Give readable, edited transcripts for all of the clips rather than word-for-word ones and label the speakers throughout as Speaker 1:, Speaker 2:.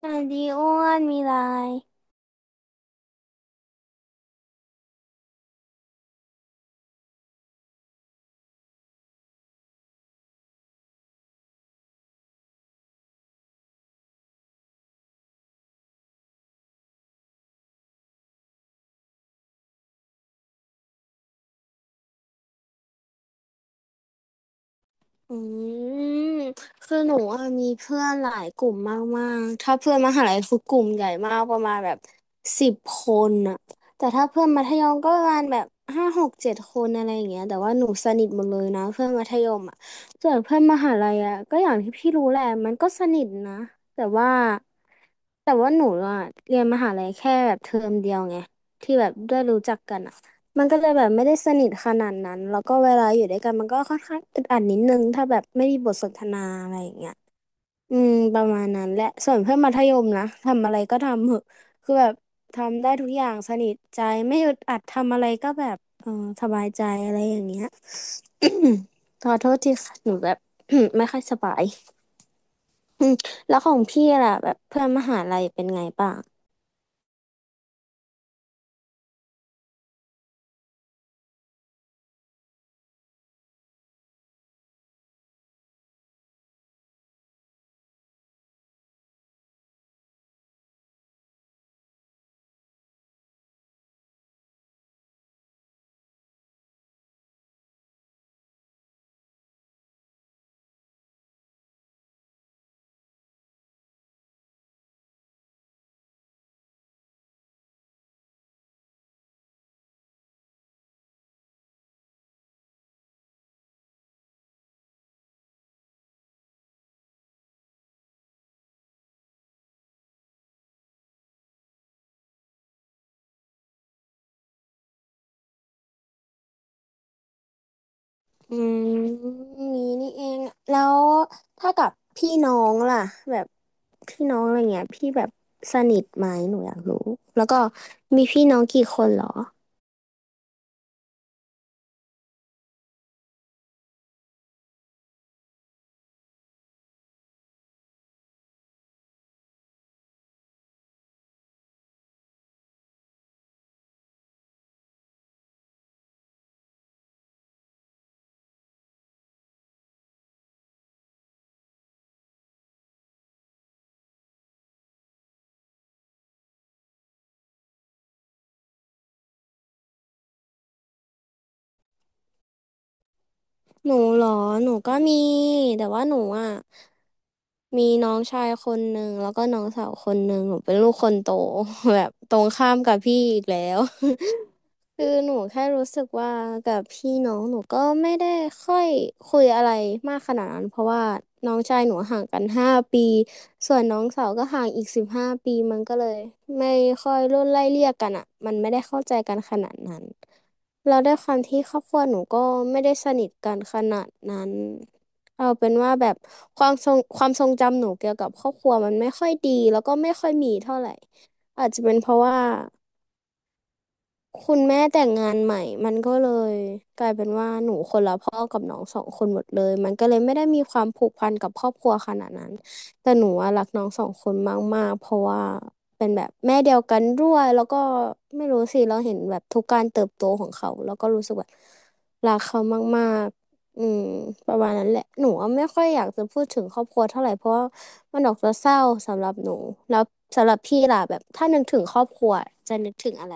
Speaker 1: สวัสดีอ้วนมีไลน์อืมคือหนูอะมีเพื่อนหลายกลุ่มมากๆถ้าเพื่อนมหาลัยคือกลุ่มใหญ่มากประมาณแบบ10 คนอะแต่ถ้าเพื่อนมัธยมก็ประมาณแบบห้าหกเจ็ดคนอะไรอย่างเงี้ยแต่ว่าหนูสนิทหมดเลยนะเพื่อนมัธยมอะส่วนเพื่อนมหาลัยอะก็อย่างที่พี่รู้แหละมันก็สนิทนะแต่ว่าแต่ว่าหนูอะเรียนมหาลัยแค่แบบเทอมเดียวไงที่แบบได้รู้จักกันอะ มันก็เลยแบบไม่ได้สนิทขนาดนั้นแล้วก็เวลาอยู่ด้วยกันมันก็ค่อนข้างอึดอัดนิดนึงถ้าแบบไม่มีบทสนทนาอะไรอย่างเงี้ยอืมประมาณนั้นแหละส่วนเพื่อนมัธยมนะทำอะไรก็ทำเหอะคือแบบทำได้ทุกอย่างสนิทใจไม่อึดอัดทำอะไรก็แบบเออสบายใจอะไรอย่างเงี้ย ขอโทษที่ค่ะหนูแบบ ไม่ค่อยสบาย อืมแล้วของพี่ล่ะแบบเพื่อนมหาลัยเป็นไงบ้าง อืมนี้นี่เองแล้วถ้ากับพี่น้องล่ะแบบพี่น้องอะไรเงี้ยพี่แบบสนิทไหมหนูอยากรู้แล้วก็มีพี่น้องกี่คนเหรอหนูเหรอหนูก็มีแต่ว่าหนูอ่ะมีน้องชายคนหนึ่งแล้วก็น้องสาวคนหนึ่งหนูเป็นลูกคนโต แบบตรงข้ามกับพี่อีกแล้ว คือหนูแค่รู้สึกว่ากับพี่น้องหนูก็ไม่ได้ค่อยคุยอะไรมากขนาดนั้นเพราะว่าน้องชายหนูห่างกันห้าปีส่วนน้องสาวก็ห่างอีก15 ปีมันก็เลยไม่ค่อยรุ่นไล่เลี่ยกันอ่ะมันไม่ได้เข้าใจกันขนาดนั้นเราได้วยความที่ครอบครัวหนูก็ไม่ได้สนิทกันขนาดนั้นเอาเป็นว่าแบบความทรงจำหนูเกี่ยวกับครอบครัวมันไม่ค่อยดีแล้วก็ไม่ค่อยมีเท่าไหร่อาจจะเป็นเพราะว่า คุณแม่แต่งงานใหม่มันก็เลยกลายเป็นว่าหนูคนละพ่อกับน้องสองคนหมดเลยมันก็เลยไม่ได้มีความผูกพันกับครอบครัวขนาดนั้นแต่หนูอะรักน้องสองคนมากๆเพราะว่าเป็นแบบแม่เดียวกันด้วยแล้วก็ไม่รู้สิเราเห็นแบบทุกการเติบโตของเขาแล้วก็รู้สึกแบบรักเขามากๆอืมประมาณนั้นแหละหนูอะไม่ค่อยอยากจะพูดถึงครอบครัวเท่าไหร่เพราะว่ามันออกจะเศร้าสำหรับหนูแล้วสำหรับพี่ล่ะแบบถ้านึกถึงครอบครัวจะนึกถึงอะไร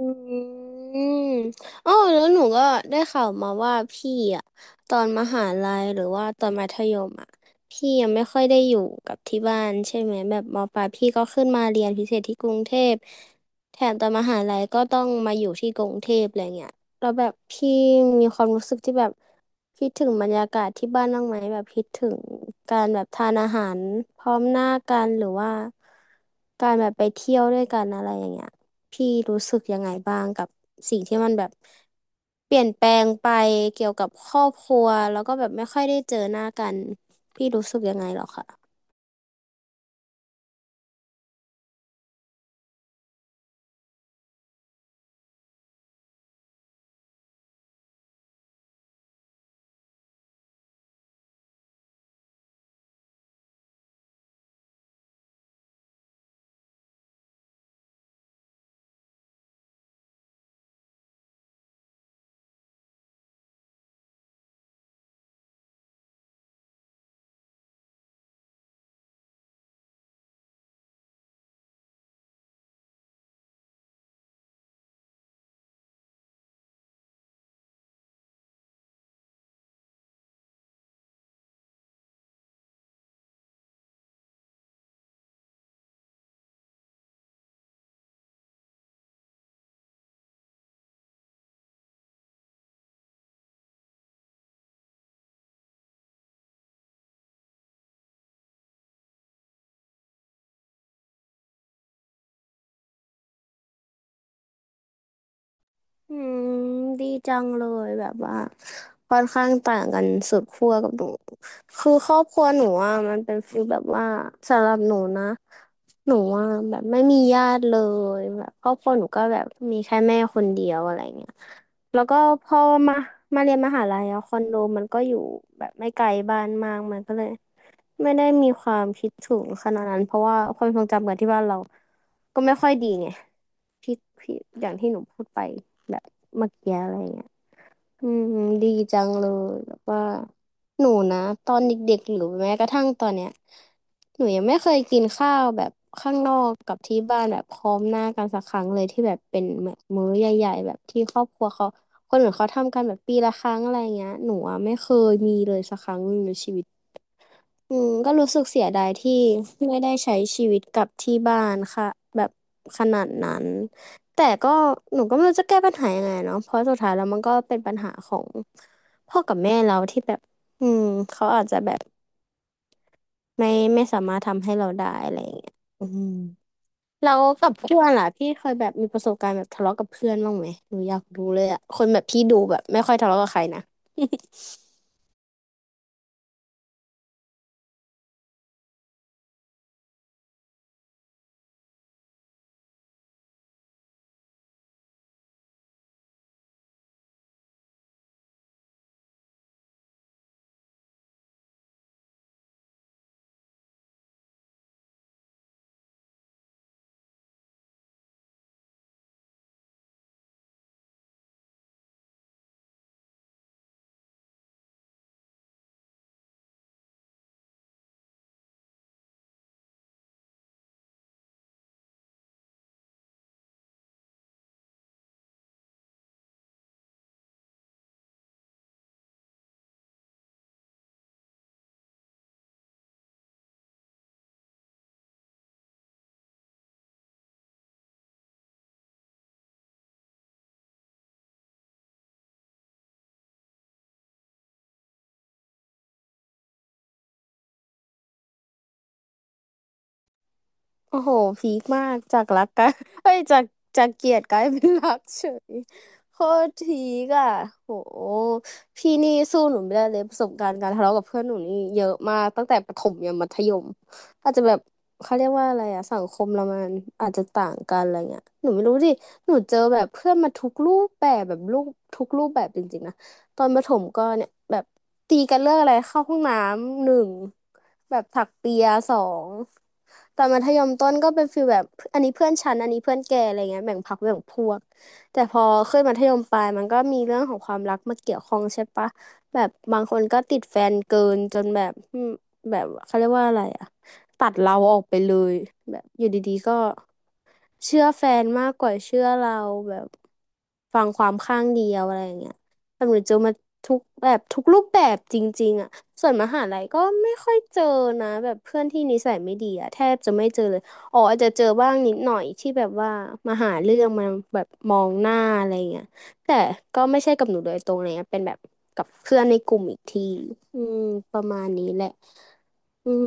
Speaker 1: อืมอ๋อแล้วหนูก็ได้ข่าวมาว่าพี่อะตอนมหาลัยหรือว่าตอนมัธยมอะพี่ยังไม่ค่อยได้อยู่กับที่บ้านใช่ไหมแบบมปลายพี่ก็ขึ้นมาเรียนพิเศษที่กรุงเทพแถมตอนมหาลัยก็ต้องมาอยู่ที่กรุงเทพอะไรเงี้ยแล้วแบบพี่มีความรู้สึกที่แบบคิดถึงบรรยากาศที่บ้านบ้างไหมแบบคิดถึงการแบบทานอาหารพร้อมหน้ากันหรือว่าการแบบไปเที่ยวด้วยกันอะไรอย่างเงี้ย พี่รู้สึกยังไงบ้างกับสิ่งที่มันแบบเปลี่ยนแปลงไปเกี่ยวกับครอบครัวแล้วก็แบบไม่ค่อยได้เจอหน้ากันพี่รู้สึกยังไงเหรอคะ อืมดีจังเลยแบบว่าค่อนข้างต่างกันสุดขั้วกับหนูคือครอบครัวหนูอ่ะมันเป็นฟีลแบบว่าสำหรับหนูนะหนูอ่ะแบบไม่มีญาติเลยแบบครอบครัวหนูก็แบบมีแค่แม่คนเดียวอะไรเงี้ยแล้วก็พอมามาเรียนมหาลัยอะคอนโดมันก็อยู่แบบไม่ไกลบ้านมากมันก็เลย ไม่ได้มีความคิดถึงขนาดนั้นเพราะว่าความทรงจำกับที่บ้านเราก็ไม่ค่อยดีไงพี่พี่อย่างที่หนูพูดไปแบบเมื่อกี้อะไรเงี้ยอืมดีจังเลยแบบว่าหนูนะตอนเด็กๆหรือแม้กระทั่งตอนเนี้ยหนูยังไม่เคยกินข้าวแบบข้างนอกกับที่บ้านแบบพร้อมหน้ากันสักครั้งเลยที่แบบเป็นแบบมื้อใหญ่ๆแบบที่ครอบครัวเขาคนอื่นเขาทำกันแบบปีละครั้งอะไรเงี้ยหนูอะไม่เคยมีเลยสักครั้งหนึ่งในชีวิต อืมก็รู้สึกเสียดายที่ไม่ได้ใช้ชีวิตกับที่บ้านค่ะแบบขนาดนั้นแต่ก็หนูก็ไม่รู้จะแก้ปัญหายังไงเนาะเพราะสุดท้ายแล้วมันก็เป็นปัญหาของพ่อกับแม่เราที่แบบอืมเขาอาจจะแบบไม่ไม่สามารถทำให้เราได้อะไรอย่างเงี้ยอืมเรากับเพื่อนล่ะพี่เคยแบบมีประสบการณ์แบบทะเลาะกับเพื่อนบ้างไหมหนูอยากรู้เลยอะคนแบบพี่ดูแบบไม่ค่อยทะเลาะกับใครนะ โอ้โหพีคมากจากรักกลาย เอ้ยจากเกลียดกลายเป็นรักเฉย โคตรพีคอ่ะโหพี่นี่สู้หนูไม่ได้เลยประสบการณ์การทะเลาะกับเพื่อนหนูนี่เยอะมากตั้งแต่ประถมยันมัธยมอาจจะแบบเขาเรียกว่าอะไรอะสังคมเรามันอาจจะต่างกันอะไรเงี้ยหนูไม่รู้ดิหนูเจอแบบเพื่อนมาทุกรูปแบบแบบรูปทุกรูปแบบจริงๆนะ ตอนประถมก็เนี่ยแบบตีกันเรื่องอะไรเข้าห้องน้ำหนึ่งแบบถักเปียสองตอนมัธยมต้นก็เป็นฟีลแบบอันนี้เพื่อนฉันอันนี้เพื่อนแกอะไรเงี้ยแบ่งพรรคแบ่งพวกแต่พอขึ้นมัธยมปลายมันก็มีเรื่องของความรักมาเกี่ยวข้องใช่ปะแบบบางคนก็ติดแฟนเกินจนแบบอืมแบบเขาเรียกว่าอะไรอะตัดเราออกไปเลยแบบอยู่ดีๆก็เชื่อแฟนมากกว่าเชื่อเราแบบฟังความข้างเดียวอะไรอย่างเงี้ย แบบหนูเจอมาทุกแบบทุกรูปแบบจริงๆอ่ะส่วนมหาลัยก็ไม่ค่อยเจอนะแบบเพื่อนที่นิสัยไม่ดีอ่ะแทบจะไม่เจอเลยอ๋ออาจจะเจอบ้างนิดหน่อยที่แบบว่ามาหาเรื่องมาแบบมองหน้าอะไรเงี้ยแต่ก็ไม่ใช่กับหนูโดยตรงเลยนะเป็นแบบกับเพื่อนในกลุ่มอีกทีอืมประมาณนี้แหละอืม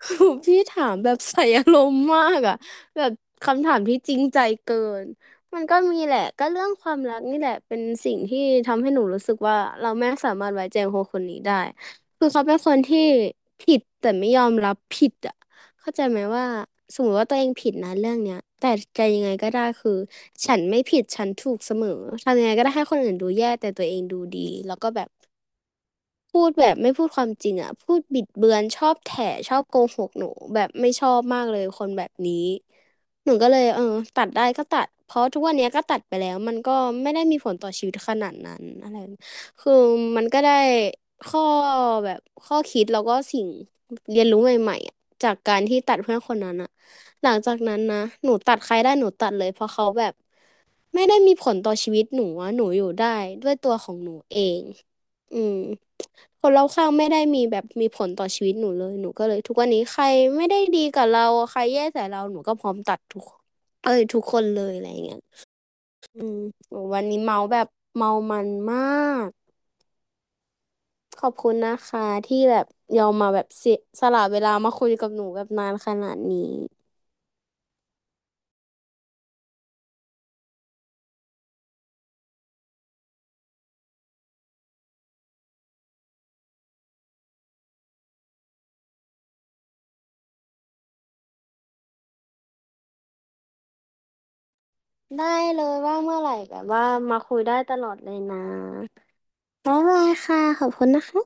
Speaker 1: พี่ถามแบบ ใส่อารมณ์มากอะแบบคำถามที่จริงใจเกินมันก็มีแหละก็เรื่องความรักนี่แหละเป็นสิ่งที่ทำให้หนูรู้สึกว่าเราไม่สามารถไว้ใจคนคนนี้ได้คือเขาเป็นคนที่ผิดแต่ไม่ยอมรับผิดอะเข้าใจไหมว่าสมมติว่าตัวเองผิดนะเรื่องเนี้ยแต่จะยังไงก็ได้คือฉันไม่ผิดฉันถูกเสมอทำยังไงก็ได้ให้คนอื่นดูแย่แต่ตัวเองดูดีแล้วก็แบบ พูดแบบไม่พูดความจริงอ่ะพูดบิดเบือนชอบแถชอบโกหกหนูแบบไม่ชอบมากเลยคนแบบนี้หนูก็เลยเออตัดได้ก็ตัดเพราะทุกวันเนี้ยก็ตัดไปแล้วมันก็ไม่ได้มีผลต่อชีวิตขนาดนั้นอะไรคือมันก็ได้ข้อแบบข้อคิดแล้วก็สิ่งเรียนรู้ใหม่ๆอะจากการที่ตัดเพื่อนคนนั้นอ่ะหลังจากนั้นนะหนูตัดใครได้หนูตัดเลยเพราะเขาแบบ ไม่ได้มีผลต่อชีวิตหนูอะหนูอยู่ได้ด้วยตัวของหนูเองอืมคนรอบข้างไม่ได้มีแบบมีผลต่อชีวิตหนูเลยหนูก็เลยทุกวันนี้ใครไม่ได้ดีกับเราใครแย่ใส่เราหนูก็พร้อมตัดทุกเอ้ยทุกคนเลยอะไรอย่างเงี้ยอืมวันนี้เมาแบบเมามันมากขอบคุณนะคะที่แบบยอมมาแบบเสียสละเวลามาคุยกับหนูแบบนานขนาดนี้ได้เลยว่าเมื่อไหร่แบบว่ามาคุยได้ตลอดเลยนะบ๊ายบายค่ะขอบคุณนะคะ